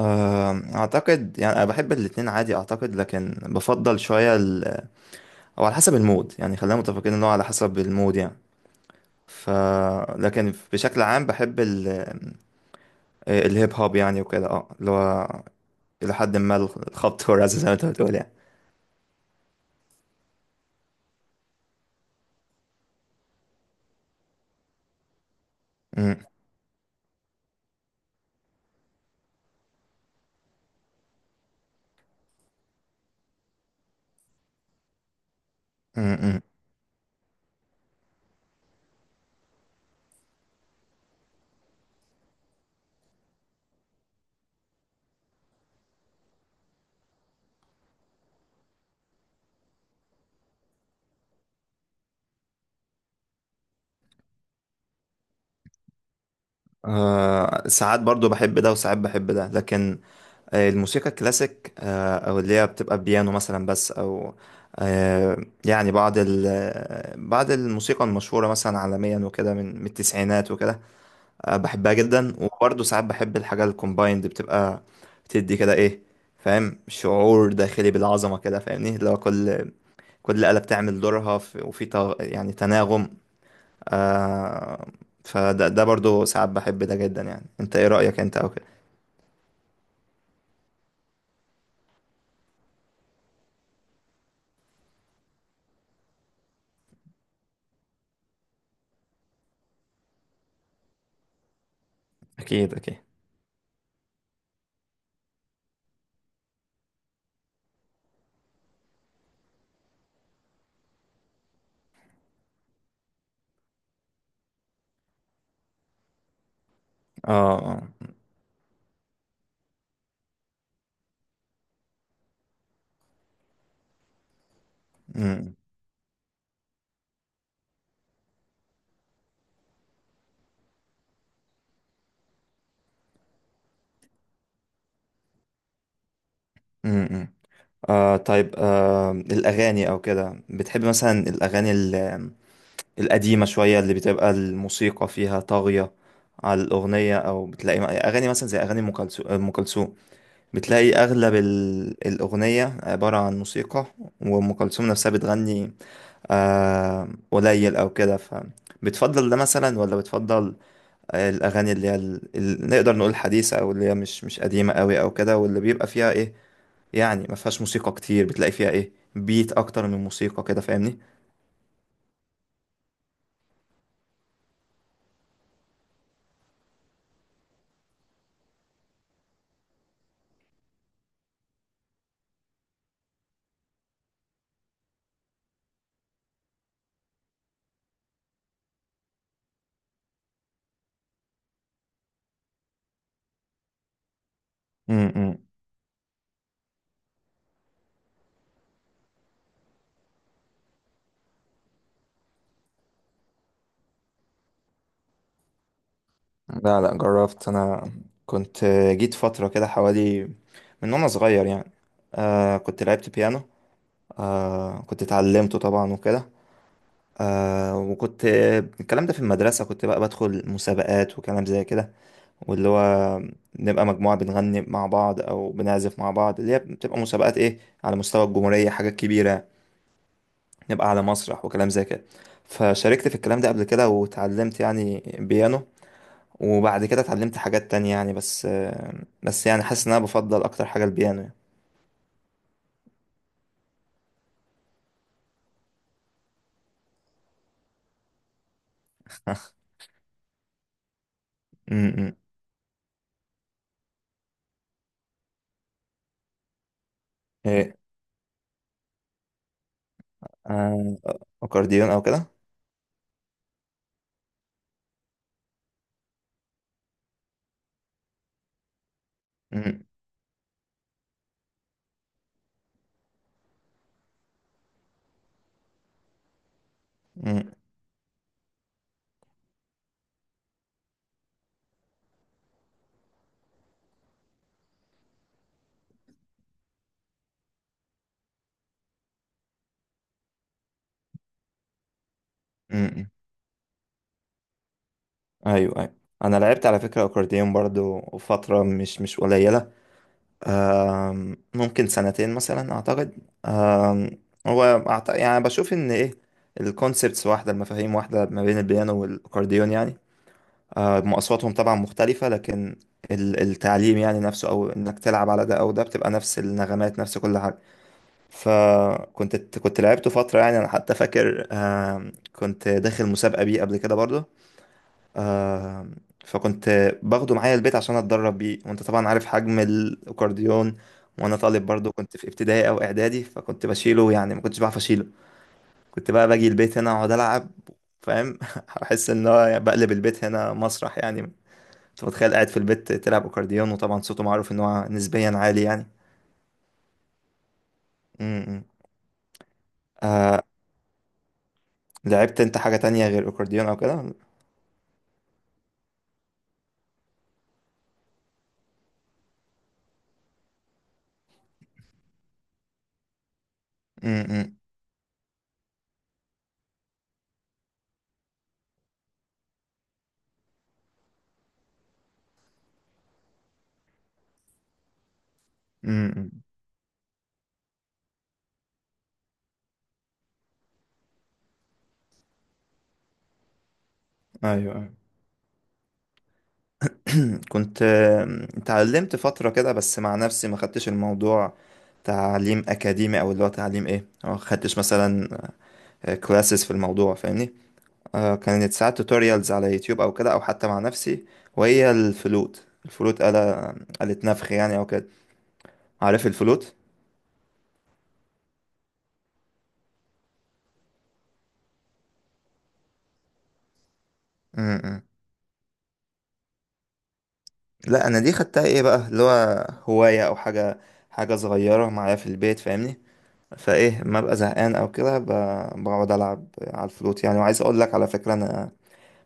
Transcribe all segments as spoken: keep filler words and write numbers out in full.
أم، اعتقد يعني انا بحب الاتنين عادي، اعتقد، لكن بفضل شويه ال... او على حسب المود، يعني خلينا متفقين ان هو على حسب المود يعني. ف لكن بشكل عام بحب ال... آه، الهيب هوب يعني وكده، اه اللي هو الى حد ما الخبط والرزع زي ما انت بتقول يعني. م- م- م. أه، ساعات برضو بحب ده وساعات بحب ده، لكن آه، الموسيقى الكلاسيك، آه، او اللي هي بتبقى بيانو مثلا بس، او آه، يعني بعض ال- بعض الموسيقى المشهورة مثلا عالميا وكده، من من التسعينات وكده، آه، بحبها جدا. وبرضه ساعات بحب الحاجة الكومبايند، بتبقى بتدي كده ايه؟ فاهم؟ شعور داخلي بالعظمة كده، فاهمني؟ لو كل كل آلة بتعمل دورها في- وفي تغ- يعني تناغم. آه، فده ده برضه ساعات بحب ده جدا يعني. انت ايه رأيك انت او كده؟ اكيد اكيد. اه، اه، امم، آه، طيب. آه الأغاني أو كده، بتحب مثلا الأغاني ال- القديمة شوية، اللي بتبقى الموسيقى فيها طاغية على الأغنية، أو بتلاقي م- أغاني مثلا زي أغاني أم كلثو- أم كلثوم، بتلاقي أغلب ال- الأغنية عبارة عن موسيقى وأم كلثوم نفسها بتغني آه قليل أو كده؟ فبتفضل ده مثلا ولا بتفضل الاغاني اللي هي ال- ال- نقدر نقول حديثه، او اللي هي مش مش قديمه قوي او كده، واللي بيبقى فيها ايه يعني ما فيهاش موسيقى كتير، بتلاقي فيها ايه بيت اكتر من موسيقى كده، فاهمني؟ امم، لا لا، جربت انا. كنت جيت فتره كده حوالي، من وانا صغير يعني. آه كنت لعبت بيانو، آه كنت اتعلمته طبعا وكده. آه وكنت الكلام ده في المدرسه، كنت بقى بدخل مسابقات وكلام زي كده، واللي هو نبقى مجموعة بنغني مع بعض أو بنعزف مع بعض، اللي هي بتبقى مسابقات إيه على مستوى الجمهورية، حاجات كبيرة، نبقى على مسرح وكلام زي كده. فشاركت في الكلام ده قبل كده، وتعلمت يعني بيانو، وبعد كده اتعلمت حاجات تانية يعني. بس بس يعني حاسس إن أنا بفضل أكتر حاجة البيانو يعني. م- م. إيه آه، أكورديون أو كده. م- م- م- م. أيوه أيوه. أنا لعبت على فكرة أكورديون برضو فترة مش مش قليلة. آم، ممكن سنتين مثلا، اعتقد. آم، هو أعت- يعني بشوف ان ايه الكونسبتس واحده، المفاهيم واحده، ما بين البيانو والاكورديون يعني. آه، مقاصاتهم طبعا مختلفه، لكن ال- التعليم يعني نفسه، او انك تلعب على ده او ده بتبقى نفس النغمات نفس كل حاجه. فكنت كنت لعبته فتره، يعني انا حتى فاكر، آم، كنت داخل مسابقه بيه قبل كده برضه. آه فكنت باخده معايا البيت عشان اتدرب بيه، وانت طبعا عارف حجم الاكورديون، وانا طالب برضو كنت في ابتدائي او اعدادي، فكنت بشيله يعني، ما كنتش بعرف اشيله. كنت بقى باجي البيت هنا اقعد العب، فاهم؟ احس ان هو بقلب البيت هنا مسرح يعني، انت متخيل قاعد في البيت تلعب اكورديون، وطبعا صوته معروف ان هو نسبيا عالي يعني. م- م. لعبت انت حاجة تانية غير اكورديون او كده؟ م- م. م- م. ايوه أيوة. كنت آه، اتعلمت فترة كده بس مع نفسي، ما خدتش الموضوع تعليم أكاديمي أو اللي هو تعليم إيه ما خدتش مثلا كلاسز في الموضوع، فاهمني؟ آه، كانت ساعات توتوريالز على يوتيوب أو كده، أو حتى مع نفسي. وهي الفلوت. الفلوت آلة، آلة نفخ يعني أو كده. عارف الفلوت؟ م-م. لا، أنا دي خدتها إيه بقى اللي هو هواية أو حاجة، حاجة صغيرة معايا في البيت، فاهمني؟ فايه ما ببقى زهقان او كده ب- بقعد العب على الفلوت يعني. وعايز اقول لك على فكره، انا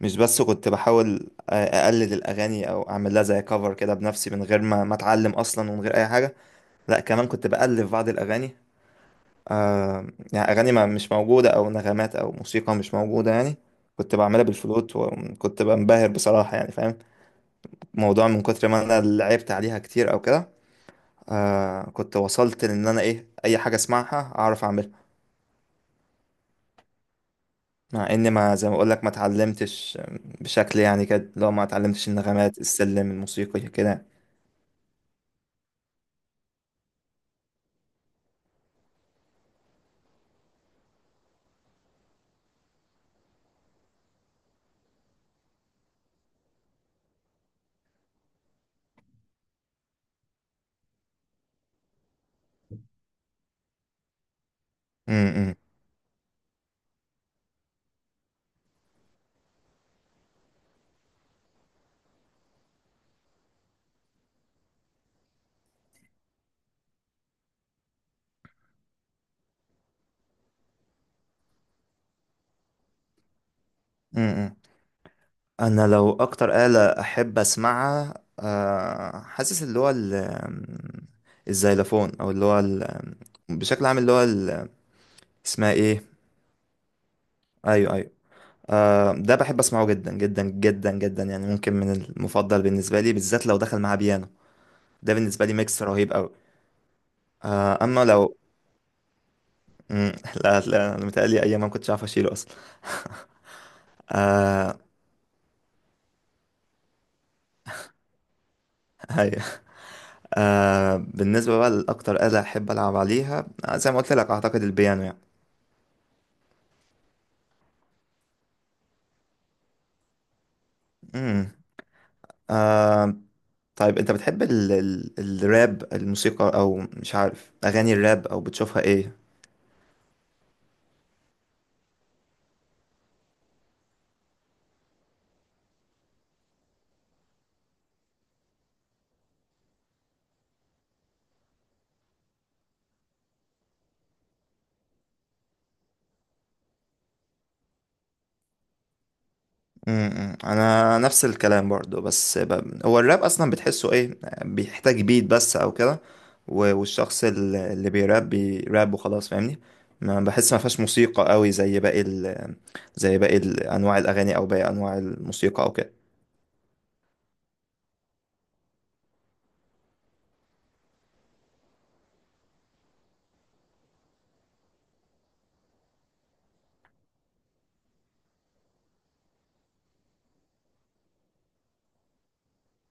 مش بس كنت بحاول آه، اقلد الاغاني او اعمل لها زي كفر كده بنفسي من غير ما ما اتعلم اصلا ومن غير اي حاجه، لا كمان كنت بالف بعض الاغاني، آه يعني اغاني ما مش موجوده او نغمات او موسيقى مش موجوده يعني، كنت بعملها بالفلوت، وكنت بنبهر بصراحه يعني. فاهم الموضوع؟ من كتر ما انا لعبت عليها كتير او كده، آه كنت وصلت لان انا ايه اي حاجه اسمعها اعرف اعملها، مع ان، ما، زي ما اقول لك، ما اتعلمتش بشكل يعني كده، لو ما اتعلمتش النغمات السلم الموسيقي كده. م- م. امم انا لو اكتر آلة احب اسمعها، آه، حاسس اللي هو ال- الزيلافون، او اللي هو ال- بشكل عام اللي هو ال- اسمها ايه؟ ايوه ايوه. آه، ده بحب اسمعه جدا جدا جدا جدا يعني، ممكن من المفضل بالنسبة لي، بالذات لو دخل مع بيانو، ده بالنسبة لي ميكس رهيب قوي. آه، اما لو... مم، لا لا، انا متهيألي ايام ما كنتش عارف اشيله اصلا. ايوه. آه، بالنسبة بقى لاكتر آلة احب العب عليها، آه، زي ما قلت لك اعتقد البيانو يعني. امم طيب، انت بتحب ال... ال... الراب، الموسيقى، او مش عارف اغاني الراب، او بتشوفها ايه؟ امم انا نفس الكلام برضو، بس ب... هو الراب اصلا بتحسه ايه؟ بيحتاج بيت بس او كده، و... والشخص ال- اللي بيراب بيراب، وخلاص، فاهمني؟ ما بحس، ما فيهاش موسيقى قوي زي باقي ال... زي باقي ال- انواع الاغاني، او باقي انواع الموسيقى او كده.